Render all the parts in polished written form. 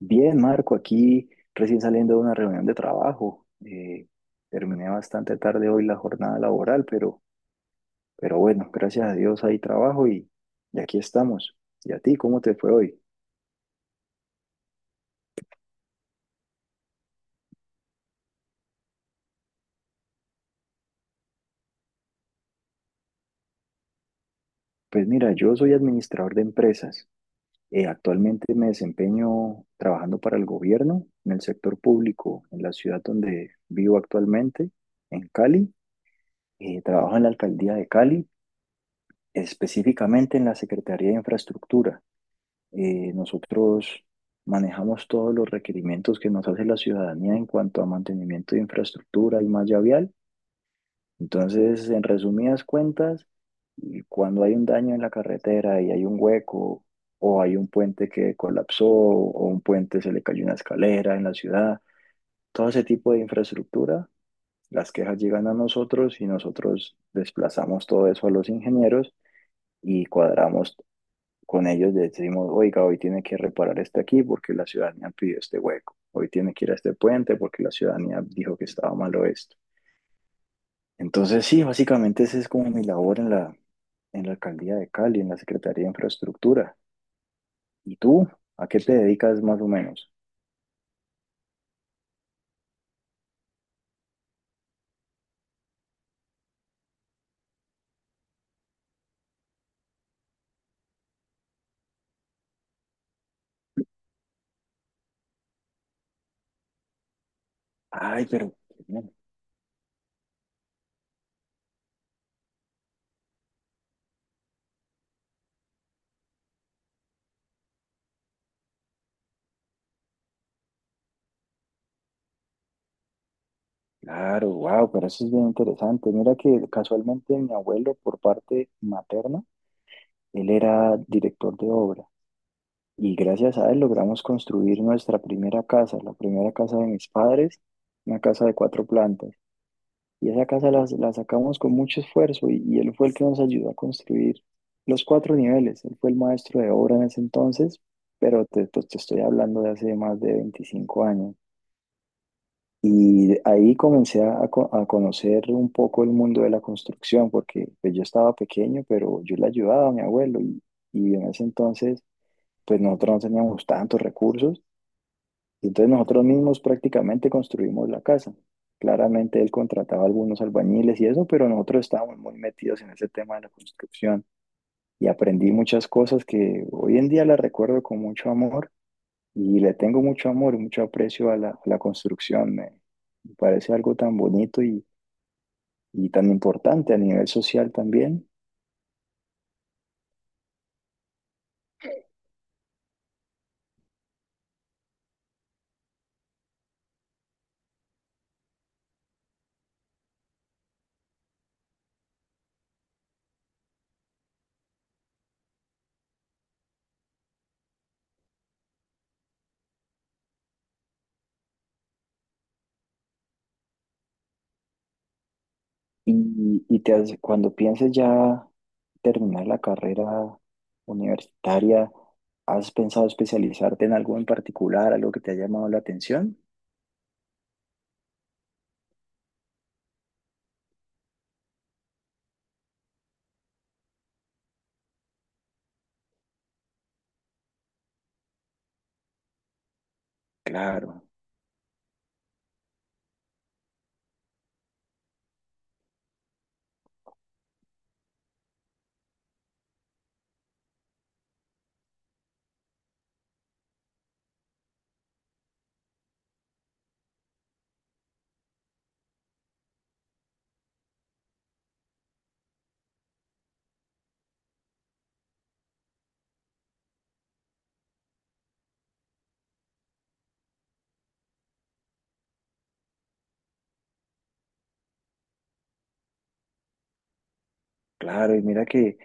Bien, Marco, aquí recién saliendo de una reunión de trabajo. Terminé bastante tarde hoy la jornada laboral, pero bueno, gracias a Dios hay trabajo y aquí estamos. ¿Y a ti, cómo te fue hoy? Pues mira, yo soy administrador de empresas. Actualmente me desempeño trabajando para el gobierno en el sector público, en la ciudad donde vivo actualmente, en Cali. Trabajo en la alcaldía de Cali, específicamente en la Secretaría de Infraestructura. Nosotros manejamos todos los requerimientos que nos hace la ciudadanía en cuanto a mantenimiento de infraestructura y malla vial. Entonces, en resumidas cuentas, y cuando hay un daño en la carretera y hay un hueco o hay un puente que colapsó o un puente se le cayó una escalera en la ciudad, todo ese tipo de infraestructura, las quejas llegan a nosotros y nosotros desplazamos todo eso a los ingenieros y cuadramos con ellos decimos, oiga, hoy tiene que reparar este aquí porque la ciudadanía pidió este hueco, hoy tiene que ir a este puente porque la ciudadanía dijo que estaba malo esto. Entonces, sí, básicamente esa es como mi labor en la, alcaldía de Cali, en la Secretaría de Infraestructura. ¿Y tú? ¿A qué te dedicas más o menos? Ay, pero bueno, claro, wow, pero eso es bien interesante. Mira que casualmente mi abuelo por parte materna, él era director de obra. Y gracias a él logramos construir nuestra primera casa, la primera casa de mis padres, una casa de cuatro plantas. Y esa casa la sacamos con mucho esfuerzo y él fue el que nos ayudó a construir los cuatro niveles. Él fue el maestro de obra en ese entonces, pero pues, te estoy hablando de hace más de 25 años. Y de ahí comencé a conocer un poco el mundo de la construcción, porque pues, yo estaba pequeño, pero yo le ayudaba a mi abuelo y en ese entonces pues nosotros no teníamos tantos recursos. Y entonces nosotros mismos prácticamente construimos la casa. Claramente él contrataba algunos albañiles y eso, pero nosotros estábamos muy metidos en ese tema de la construcción y aprendí muchas cosas que hoy en día las recuerdo con mucho amor y le tengo mucho amor y mucho aprecio a la construcción. Me parece algo tan bonito y tan importante a nivel social también. Y cuando pienses ya terminar la carrera universitaria, ¿has pensado especializarte en algo en particular, algo que te ha llamado la atención? Claro, claro. Y mira que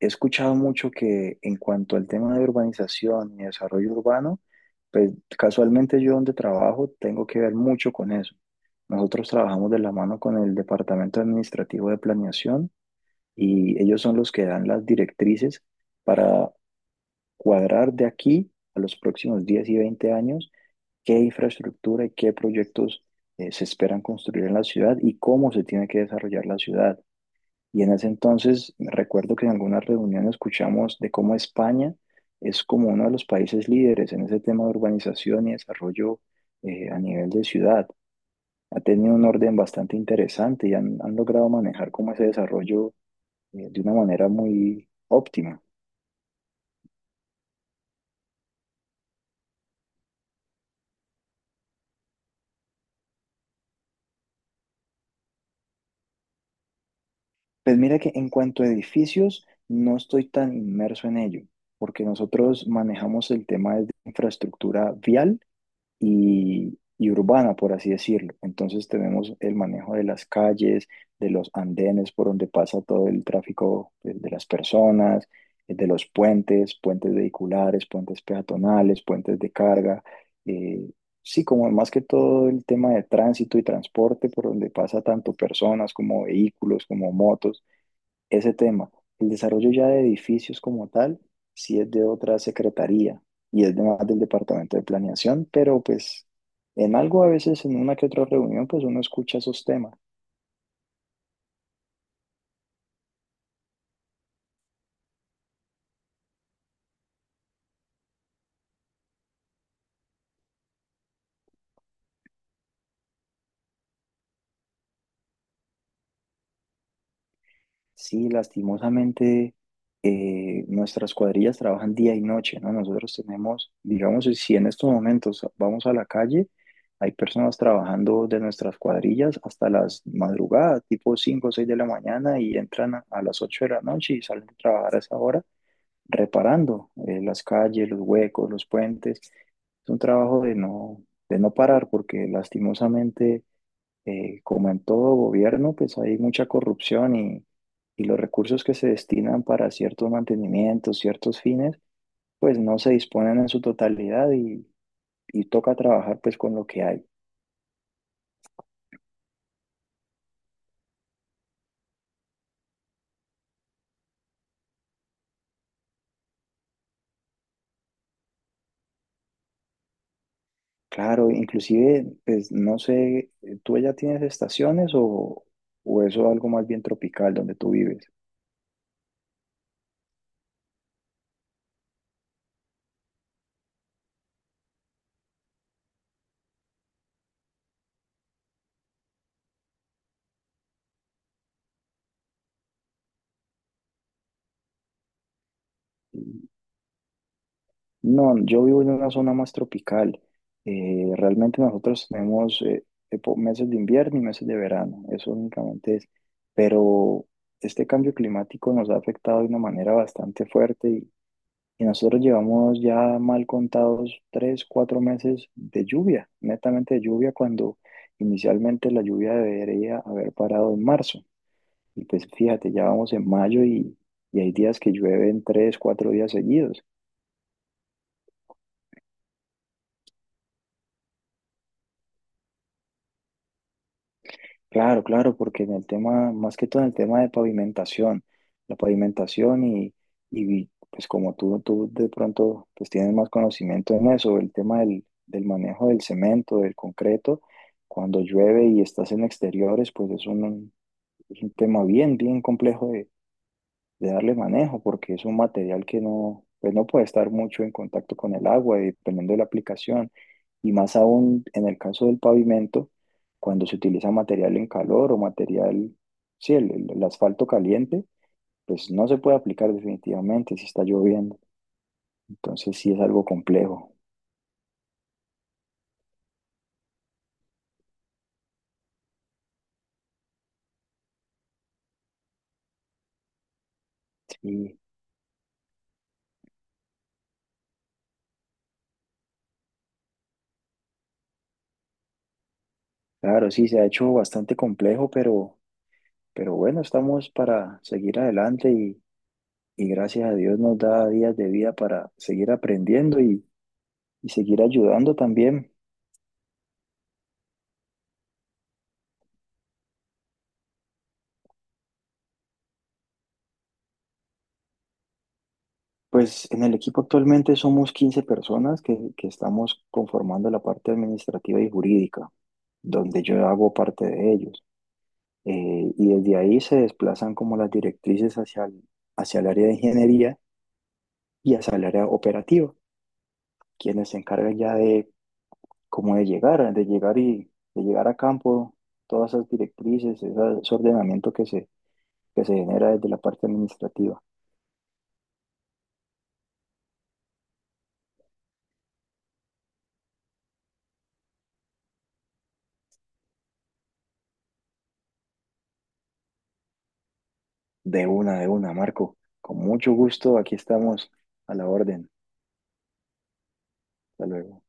he escuchado mucho que en cuanto al tema de urbanización y desarrollo urbano, pues casualmente yo donde trabajo tengo que ver mucho con eso. Nosotros trabajamos de la mano con el Departamento Administrativo de Planeación y ellos son los que dan las directrices para cuadrar de aquí a los próximos 10 y 20 años qué infraestructura y qué proyectos se esperan construir en la ciudad y cómo se tiene que desarrollar la ciudad. Y en ese entonces recuerdo que en algunas reuniones escuchamos de cómo España es como uno de los países líderes en ese tema de urbanización y desarrollo a nivel de ciudad. Ha tenido un orden bastante interesante y han logrado manejar como ese desarrollo de una manera muy óptima. Pues mira que en cuanto a edificios, no estoy tan inmerso en ello, porque nosotros manejamos el tema de infraestructura vial y urbana, por así decirlo. Entonces tenemos el manejo de las calles, de los andenes por donde pasa todo el tráfico de las personas, de los puentes, puentes vehiculares, puentes peatonales, puentes de carga. eh, sí, como más que todo el tema de tránsito y transporte por donde pasa tanto personas como vehículos, como motos ese tema. El desarrollo ya de edificios como tal, sí es de otra secretaría y es de más del departamento de planeación, pero pues en algo a veces, en una que otra reunión, pues uno escucha esos temas. Sí, lastimosamente nuestras cuadrillas trabajan día y noche, ¿no? Nosotros tenemos, digamos, si en estos momentos vamos a la calle, hay personas trabajando de nuestras cuadrillas hasta las madrugadas, tipo 5 o 6 de la mañana y entran a las 8 de la noche y salen a trabajar a esa hora reparando las calles, los huecos, los puentes. Es un trabajo de no, parar porque lastimosamente, como en todo gobierno, pues hay mucha corrupción y los recursos que se destinan para ciertos mantenimientos, ciertos fines, pues no se disponen en su totalidad y toca trabajar pues con lo que hay. Claro, inclusive, pues no sé, ¿tú ya tienes estaciones o eso algo más bien tropical donde tú vives? No, yo vivo en una zona más tropical. Realmente nosotros tenemos meses de invierno y meses de verano, eso únicamente es. Pero este cambio climático nos ha afectado de una manera bastante fuerte y nosotros llevamos ya mal contados 3, 4 meses de lluvia, netamente de lluvia, cuando inicialmente la lluvia debería haber parado en marzo. Y pues fíjate, ya vamos en mayo y hay días que llueven 3, 4 días seguidos. Claro, claro, porque en el tema, más que todo en el tema de pavimentación, la pavimentación y pues como tú de pronto pues tienes más conocimiento en eso, el tema del manejo del cemento, del concreto, cuando llueve y estás en exteriores, pues es un, tema bien, bien complejo de darle manejo, porque es un material que no, pues no puede estar mucho en contacto con el agua, y dependiendo de la aplicación, y más aún en el caso del pavimento, cuando se utiliza material en calor o material, sí, el, el asfalto caliente, pues no se puede aplicar definitivamente si está lloviendo, entonces sí es algo complejo. Sí, claro, sí, se ha hecho bastante complejo, pero bueno, estamos para seguir adelante Y gracias a Dios nos da días de vida para seguir aprendiendo y seguir ayudando también. Pues en el equipo actualmente somos 15 personas que estamos conformando la parte administrativa y jurídica, donde yo hago parte de ellos. Y desde ahí se desplazan como las directrices hacia el, área de ingeniería y hacia el área operativa, quienes se encargan ya de como de llegar, a campo todas esas directrices, ese ordenamiento que se, genera desde la parte administrativa. De una, Marco. Con mucho gusto, aquí estamos a la orden. Hasta luego.